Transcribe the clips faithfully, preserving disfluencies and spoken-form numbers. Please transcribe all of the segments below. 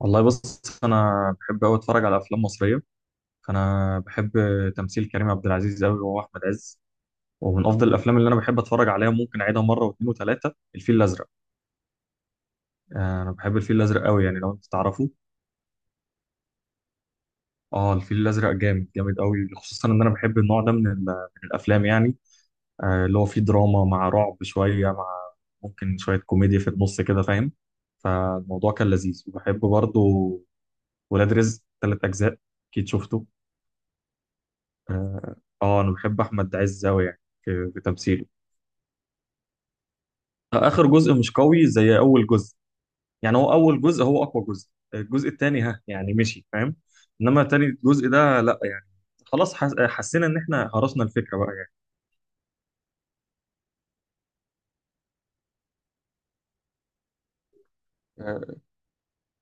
والله بص، انا بحب قوي اتفرج على افلام مصريه. فانا بحب تمثيل كريم عبد العزيز قوي، وهو احمد عز. ومن افضل الافلام اللي انا بحب اتفرج عليها ممكن اعيدها مره واثنين وثلاثه، الفيل الازرق. آه، انا بحب الفيل الازرق قوي يعني، لو انت تعرفه. اه، الفيل الازرق جامد جامد قوي، خصوصا ان انا بحب النوع ده من ال- من الافلام يعني. آه، اللي هو فيه دراما مع رعب شويه، مع ممكن شويه كوميديا في النص كده، فاهم. فالموضوع كان لذيذ، وبحب برضه. ولاد رزق ثلاث اجزاء، اكيد شفته. اه. آه، انا بحب احمد عز قوي يعني في في تمثيله. اخر جزء مش قوي زي اول جزء. يعني هو اول جزء هو اقوى جزء. الجزء الثاني ها يعني مشي، فاهم. انما تاني جزء ده لا يعني. خلاص حس... حسينا ان احنا هرسنا الفكره بقى يعني. آه،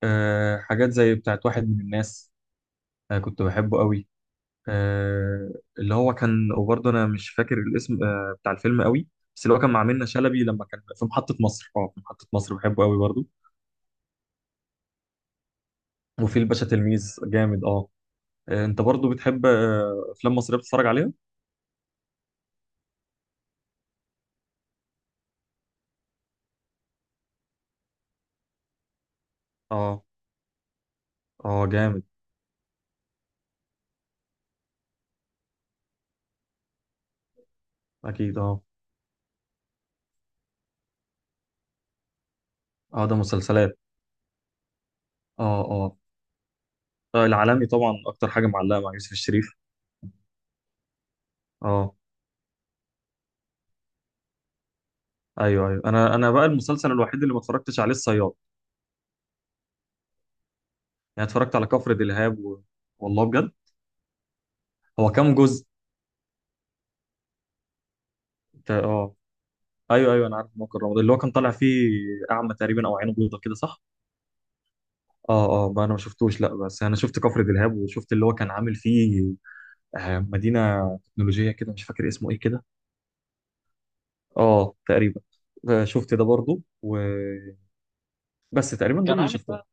آه، حاجات زي بتاعت واحد من الناس. آه، كنت بحبه قوي. آه، اللي هو كان، وبرضه انا مش فاكر الاسم، آه، بتاع الفيلم قوي. بس اللي هو كان مع منة شلبي لما كان في محطة مصر، اه في محطة مصر بحبه قوي برضه. وفي الباشا تلميذ، جامد اه. آه، انت برضو بتحب آه، افلام مصريه بتتفرج عليها؟ اه اه، جامد. اكيد اه. اه، ده مسلسلات. اه اه. آه، العالمي طبعا اكتر حاجه معلقه مع يوسف الشريف. اه. ايوه ايوه، انا انا بقى المسلسل الوحيد اللي ما اتفرجتش عليه الصياد. يعني اتفرجت على كفر دلهاب و... والله بجد. هو كام جزء؟ ت- اه. ايوه ايوه، انا عارف موقع رمضان اللي هو كان طالع فيه. اعمى تقريبا او عينه بيضه كده، صح. اه اه، بقى انا ما شفتوش لا، بس انا شفت كفر دلهاب وشفت اللي هو كان عامل فيه آه، مدينه تكنولوجيه كده، مش فاكر اسمه ايه كده. اه تقريبا. آه، شفت ده برضو و... بس تقريبا دول كان اللي عامل شفتهم بقى.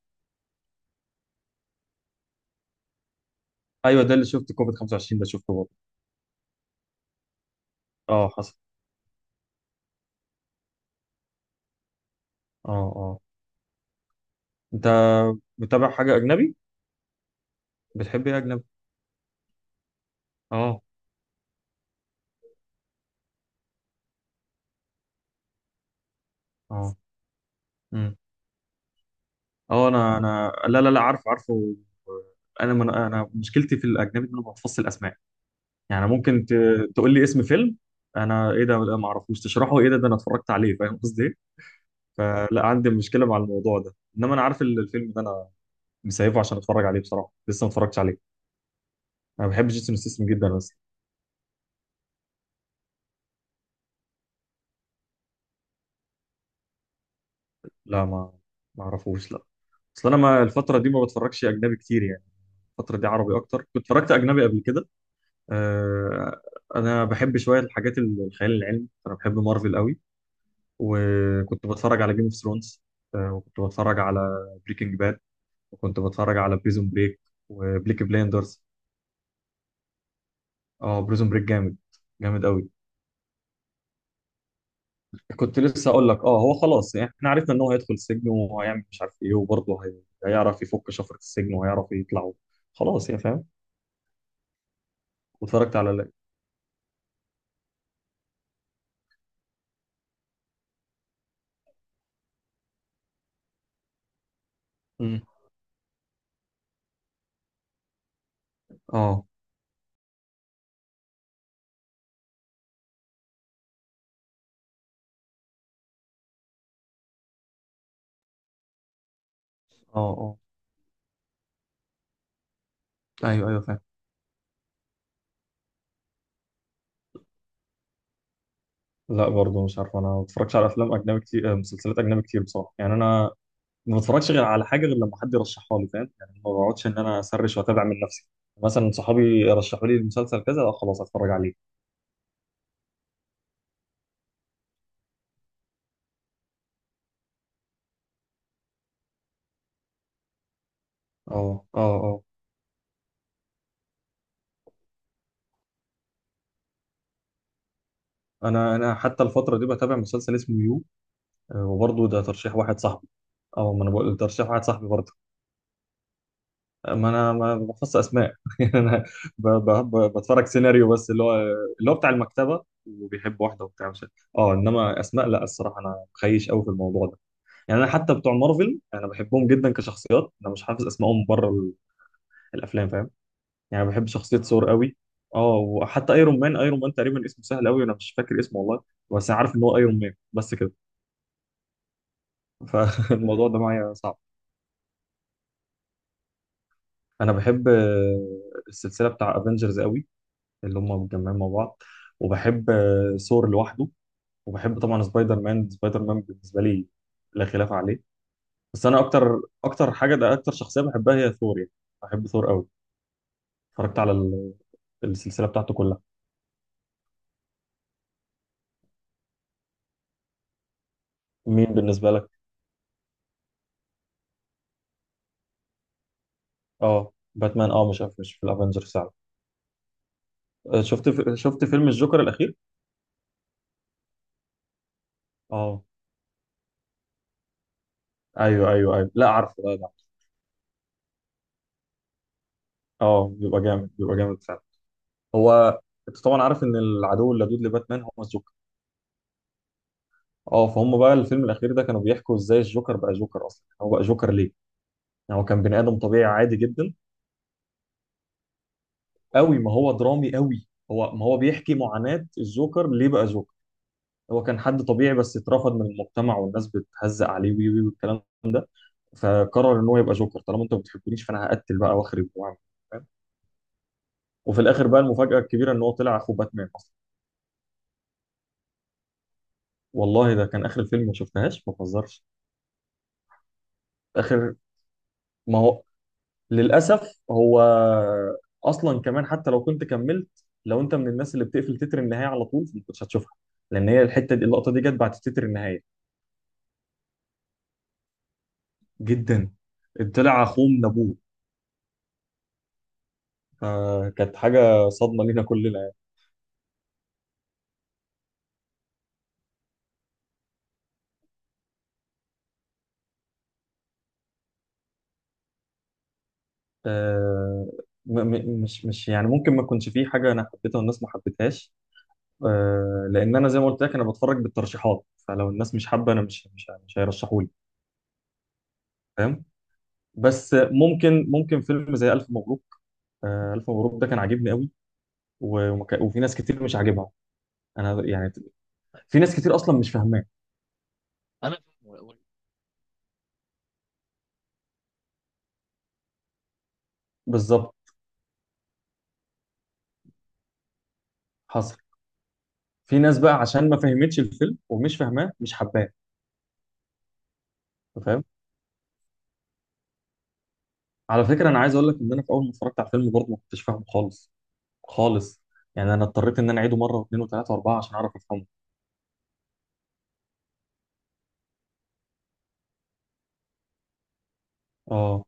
ايوه، ده اللي شفت، كوفيد خمسة وعشرين ده شفته برضو. اه حصل. اه. اه، انت متابع حاجه اجنبي؟ بتحب ايه اجنبي؟ اه. اه. امم. اه، انا انا لا لا لا، عارف عارفه. انا من... انا مشكلتي في الاجنبي ان انا ما بحفظش الاسماء. يعني ممكن ت... تقول لي اسم فيلم، انا ايه ده، لا ما اعرفوش، تشرحه ايه ده ده انا اتفرجت عليه، فاهم قصدي ايه؟ فلا عندي مشكله مع الموضوع ده، انما انا عارف ال- الفيلم ده، انا مسيبه عشان اتفرج عليه بصراحه، لسه ما اتفرجتش عليه. انا بحب جيسون ستاثام جدا اصلا. لا، ما ما اعرفوش لا. اصل انا، ما الفتره دي ما بتفرجش اجنبي كتير يعني، الفتره دي عربي اكتر، كنت اتفرجت اجنبي قبل كده. آه انا بحب شويه الحاجات ال- الخيال العلمي، انا بحب مارفل قوي. وكنت بتفرج على جيم اوف ثرونز. آه وكنت بتفرج على بريكنج باد، وكنت بتفرج على بريزون بريك، وبليك بلايندرز. اه، بريزون بريك جامد، جامد قوي. كنت لسه اقول لك، اه هو خلاص يعني احنا عرفنا ان هو هيدخل السجن وهيعمل مش عارف ايه، وبرضه هي... هيعرف يفك شفرة السجن وهيعرف يطلع. خلاص يا فاهم. واتفرجت على ال- امم. اه اه اه. ايوه ايوه فاهم. لا برضه مش عارف، انا ما بتفرجش على افلام اجنبي كتير، آه، مسلسلات اجنبي كتير بصراحه، يعني انا ما بتفرجش غير على حاجه غير لما حد يرشحها لي، فاهم يعني. ما بقعدش ان انا اسرش واتابع من نفسي. مثلا صحابي رشحوا لي المسلسل كذا، اه خلاص اتفرج عليه. اه اه اه، انا انا حتى الفتره دي بتابع مسلسل اسمه يو. آه، وبرضه ده ترشيح واحد صاحبي. اه، ما انا بقول ترشيح واحد صاحبي برضه. ما انا ما بخص اسماء يعني انا ب... ب... ب... بتفرج سيناريو بس، اللي هو اللي هو بتاع المكتبه وبيحب واحده وبتاع مش عارف. اه، انما اسماء لا، الصراحه انا خيش قوي في الموضوع ده. يعني انا حتى بتوع مارفل انا بحبهم جدا كشخصيات، انا مش حافظ اسمائهم بره ال... الافلام، فاهم. يعني بحب شخصيه ثور قوي. اه، وحتى ايرون مان، ايرون مان تقريبا اسمه سهل قوي، انا مش فاكر اسمه والله. بس انا عارف ان هو ايرون مان بس كده. فالموضوع ده معايا صعب. انا بحب آه، السلسله بتاع افنجرز قوي، اللي هم متجمعين مع بعض. وبحب آه، ثور لوحده. وبحب طبعا سبايدر مان، سبايدر مان بالنسبه لي لا خلاف عليه. بس انا اكتر، اكتر حاجه، ده اكتر شخصيه بحبها هي ثور يعني. بحب ثور قوي. اتفرجت على ال- السلسله بتاعته كلها. مين بالنسبه لك؟ اه باتمان، اه مش مش في الافنجرز فعلا. آه، شفت في... شفت فيلم الجوكر الاخير. اه، ايوه ايوه ايوه، لا عارفه لا لا. اه، بيبقى جامد، بيبقى جامد فعلا. هو، انت طبعا عارف ان العدو اللدود لباتمان هو الجوكر. اه، فهم بقى الفيلم الاخير ده كانوا بيحكوا ازاي الجوكر بقى جوكر اصلا، هو بقى جوكر ليه. يعني هو كان بني ادم طبيعي عادي جدا. قوي، ما هو درامي قوي، هو ما هو بيحكي معاناة الجوكر ليه بقى جوكر. هو كان حد طبيعي بس اترفض من المجتمع والناس بتهزق عليه وي وي والكلام ده. فقرر ان هو يبقى جوكر، طالما انتوا ما بتحبونيش فانا هقتل بقى، واخرب، واعمل. فاهم؟ وفي الاخر بقى المفاجأة الكبيرة ان هو طلع اخو باتمان اصلا. والله ده كان اخر الفيلم، ما شفتهاش ما بهزرش. اخر، ما هو للأسف هو أصلا كمان، حتى لو كنت كملت، لو أنت من الناس اللي بتقفل تتر النهاية على طول ما كنتش هتشوفها، لأن هي الحتة دي، اللقطة دي جت بعد تتر النهاية. جدا. طلع أخوه من أبوه. فكانت حاجة صدمة لينا كلنا يعني. آه، م- م- مش مش يعني ممكن ما يكونش فيه حاجة أنا حبيتها والناس ما حبيتهاش. آه، لأن أنا زي ما قلت لك أنا بتفرج بالترشيحات، فلو الناس مش حابة أنا مش مش مش هيرشحوا لي فاهم. بس ممكن ممكن فيلم زي ألف مبروك. آه، ألف مبروك ده كان عاجبني قوي، و- ومك- وفي ناس كتير مش عاجبها. انا يعني، في ناس كتير اصلا مش فاهماه. بالظبط. حصل. في ناس بقى عشان ما فهمتش الفيلم، ومش فاهماه مش حباه. أنت فاهم. على فكره انا عايز اقول لك ان انا في اول ما اتفرجت على الفيلم برضه ما كنتش فاهمه خالص، خالص. يعني انا اضطريت ان انا اعيده مره واثنين وثلاثه واربعه عشان اعرف افهمه. اه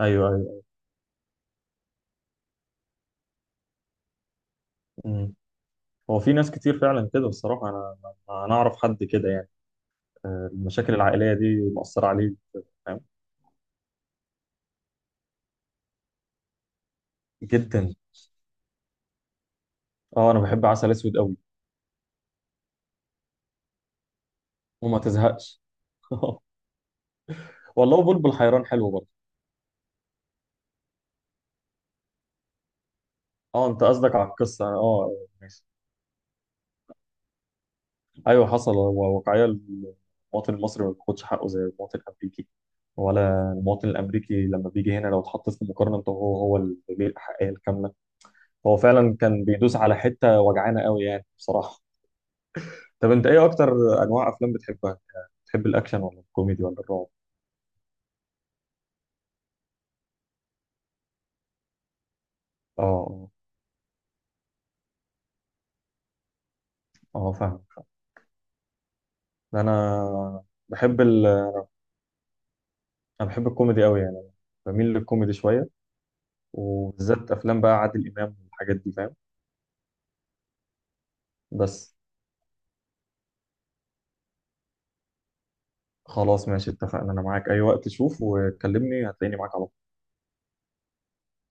ايوه ايوه. أمم. هو في ناس كتير فعلا كده، الصراحه انا، انا أنا اعرف حد كده يعني. آه، المشاكل العائليه دي مؤثره عليه، فاهم. جدا. اه، انا بحب عسل اسود قوي. وما تزهقش. والله بلبل حيران حلو برضه. اه، انت قصدك على القصه، اه، ماشي. ايوه حصل، هو واقعيه المواطن المصري ما بياخدش حقه زي المواطن الامريكي. ولا المواطن الامريكي لما بيجي هنا لو اتحط في مقارنه، هو هو اللي ليه الاحقيه الكامله. هو فعلا كان بيدوس على حته وجعانه قوي يعني بصراحه. طب انت ايه اكتر انواع افلام بتحبها؟ بتحب الاكشن ولا الكوميدي ولا الرعب؟ اه اه اه، فاهمك فاهمك. انا بحب ال... انا بحب الكوميدي قوي يعني، بميل للكوميدي شويه. وبالذات افلام بقى عادل امام والحاجات دي، فاهم. بس، خلاص ماشي اتفقنا، انا معاك اي وقت شوف وكلمني، هتلاقيني معاك على